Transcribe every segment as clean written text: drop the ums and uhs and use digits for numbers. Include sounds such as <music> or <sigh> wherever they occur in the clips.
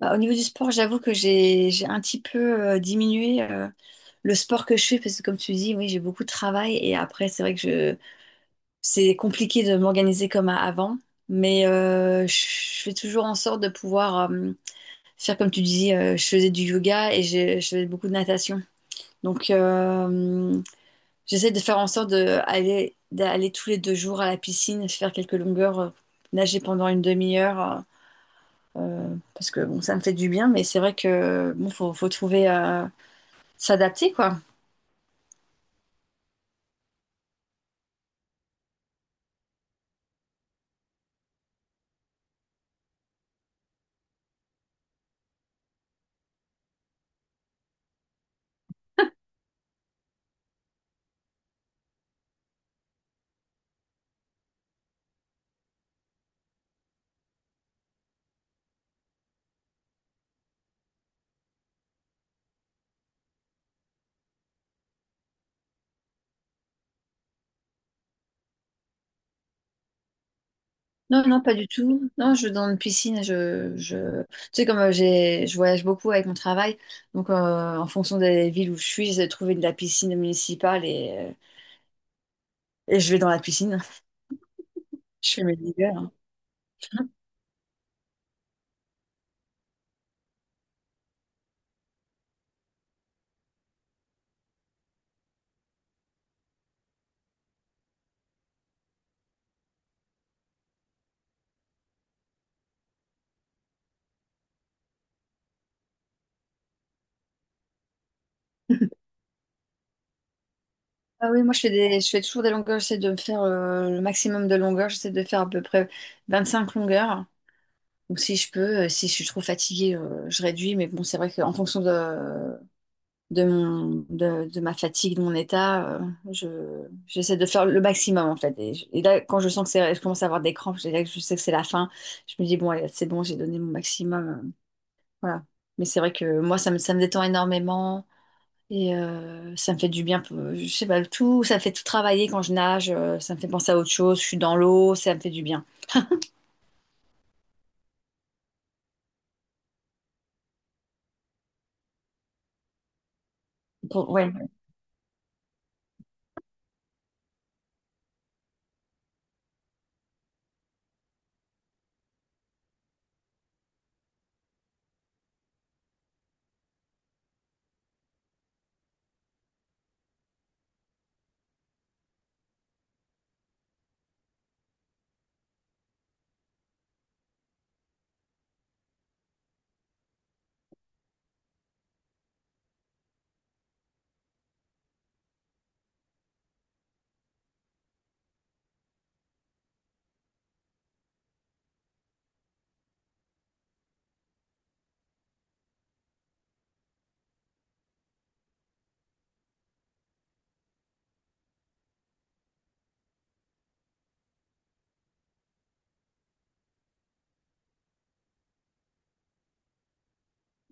Bah, au niveau du sport, j'avoue que j'ai un petit peu diminué le sport que je fais parce que comme tu dis, oui, j'ai beaucoup de travail et après c'est vrai que je c'est compliqué de m'organiser comme avant, mais je fais toujours en sorte de pouvoir faire comme tu dis, je faisais du yoga et je faisais beaucoup de natation. Donc euh, J'essaie de faire en sorte d'aller tous les deux jours à la piscine, faire quelques longueurs, nager pendant une demi-heure. Parce que bon, ça me fait du bien, mais c'est vrai que bon, faut trouver à s'adapter, quoi. Non, non, pas du tout. Non, je dans une piscine, je... Tu sais, comme j'ai, je voyage beaucoup avec mon travail, donc en fonction des villes où je suis, j'ai trouvé de la piscine municipale et je vais dans la piscine. <laughs> Je fais mes longueurs. Hein. <laughs> Ah oui, moi je fais des, je fais toujours des longueurs, j'essaie de me faire le maximum de longueurs, j'essaie de faire à peu près 25 longueurs. Donc si je peux, si je suis trop fatiguée, je réduis, mais bon, c'est vrai qu'en fonction de ma fatigue, de mon état. J'essaie de faire le maximum, en fait. Et, et là, quand je sens que c'est, je commence à avoir des crampes, là, je sais que c'est la fin. Je me dis, bon, allez, c'est bon, j'ai donné mon maximum. Voilà. Mais c'est vrai que moi, ça me détend énormément. Et ça me fait du bien, je sais pas, tout, ça me fait tout travailler quand je nage, ça me fait penser à autre chose, je suis dans l'eau, ça me fait du bien. Pour- ouais,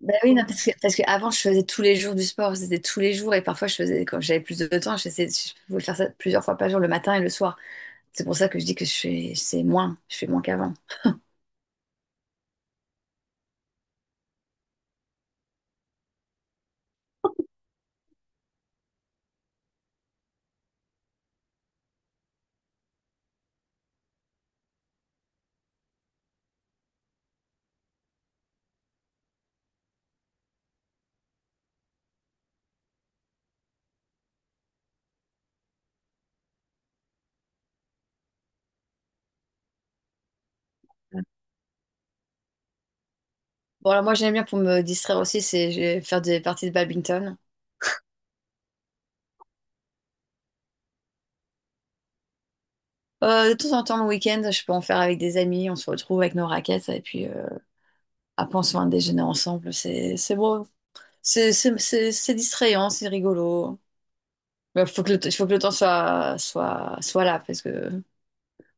Ben oui, non, parce que avant, je faisais tous les jours du sport, c'était tous les jours, et parfois, quand j'avais plus de temps, je pouvais faire ça plusieurs fois par jour, le matin et le soir. C'est pour ça que je dis que c'est moins, je fais moins qu'avant. Bon, alors moi, j'aime bien pour me distraire aussi, c'est je vais faire des parties de badminton. De temps en temps, le week-end, je peux en faire avec des amis, on se retrouve avec nos raquettes, et puis après, on se fait un déjeuner ensemble, c'est beau. C'est distrayant, c'est rigolo. Il faut que faut que le temps soit là, parce que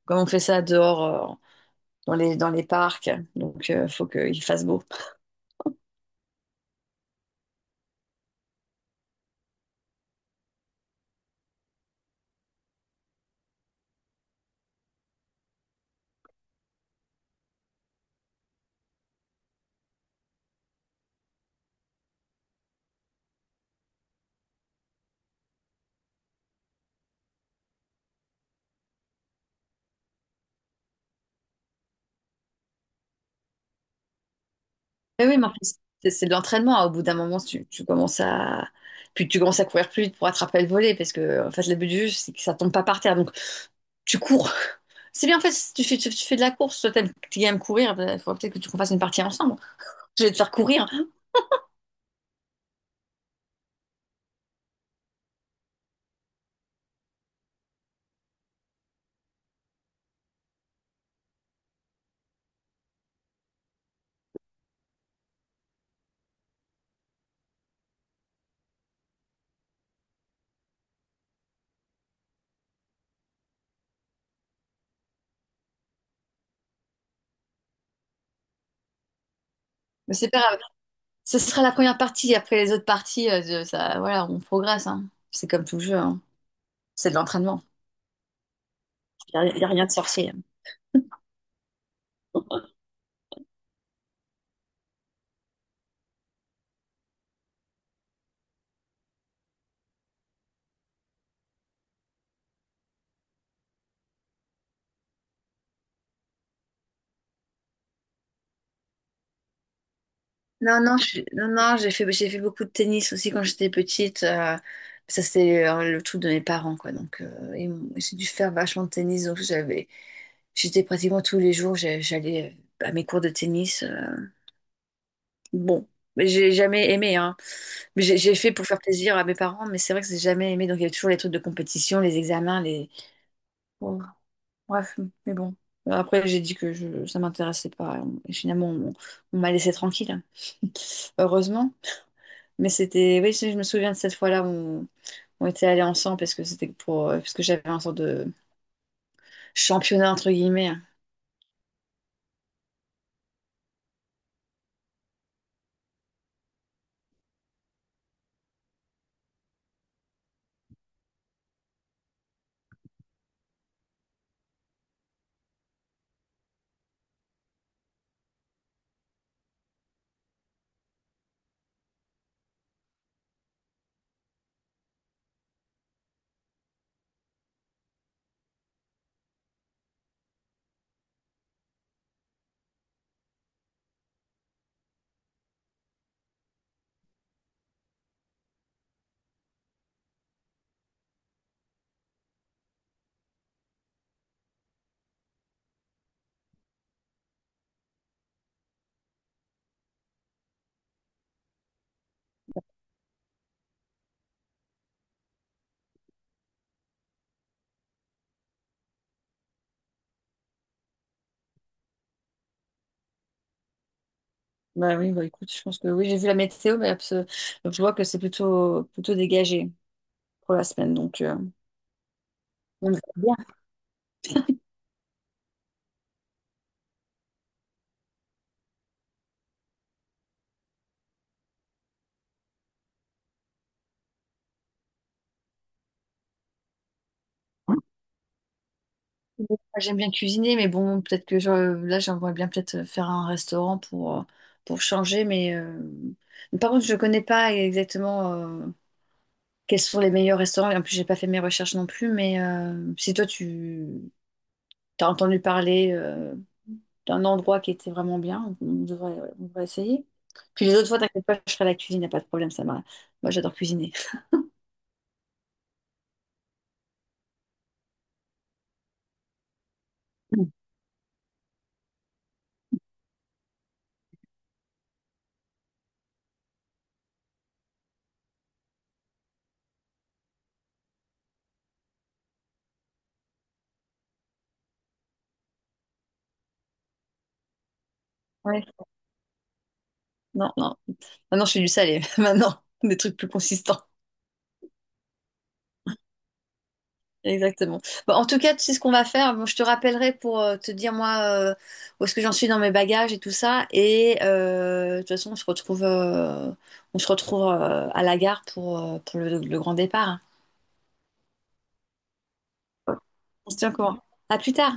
comme on fait ça dehors, dans dans les parcs. Donc, il faut qu'il fasse beau. Mais oui, mais en plus, c'est de l'entraînement. Hein. Au bout d'un moment, tu commences à... Puis tu commences à courir plus vite pour attraper le volet parce que en fait le but du jeu c'est que ça tombe pas par terre donc tu cours. C'est bien en fait si tu fais tu, tu fais de la course toi t'aimes tu courir bah, il faudrait peut-être que tu qu'on fasse une partie ensemble. Je vais te faire courir mais c'est pas grave. Ce sera la première partie après les autres parties, ça voilà on progresse, hein. C'est comme tout jeu, hein. C'est de l'entraînement. Y a rien de sorcier. Non, non, non, non, j'ai fait beaucoup de tennis aussi quand j'étais petite. Ça, c'est le truc de mes parents, quoi. Donc, j'ai dû faire vachement de tennis. Donc, j'étais pratiquement tous les jours, j'allais à mes cours de tennis. Bon, mais j'ai jamais aimé, hein. Mais j'ai fait pour faire plaisir à mes parents, mais c'est vrai que j'ai jamais aimé. Donc, il y avait toujours les trucs de compétition, les examens, les. Bon, bref, mais bon. Après, j'ai dit que ça m'intéressait pas. Et finalement, on m'a laissé tranquille. <laughs> Heureusement. Mais c'était, oui, je me souviens de cette fois-là on était allés ensemble parce que c'était pour, parce que j'avais un sorte de championnat entre guillemets. Bah oui, bah écoute, je pense que oui, j'ai vu la météo, mais donc je vois que c'est plutôt dégagé pour la semaine, donc on verra bien. Moi, j'aime bien cuisiner, mais bon, là, j'aimerais bien peut-être faire un restaurant pour changer, mais par contre, je ne connais pas exactement. Quels sont les meilleurs restaurants? En plus, j'ai pas fait mes recherches non plus, mais si toi tu as entendu parler d'un endroit qui était vraiment bien, on devrait essayer. Puis les autres fois, t'inquiète pas, je ferai la cuisine, y a pas de problème, ça m'a. Moi, j'adore cuisiner. Mm. Ouais. Non, non. Maintenant, je fais du salé. <laughs> Maintenant, des trucs plus consistants. Exactement. Bon, en tout cas, tu sais ce qu'on va faire. Bon, je te rappellerai pour te dire moi où est-ce que j'en suis dans mes bagages et tout ça. Et de toute façon, on se retrouve à la gare pour le grand départ, hein. On se tient au courant. À plus tard.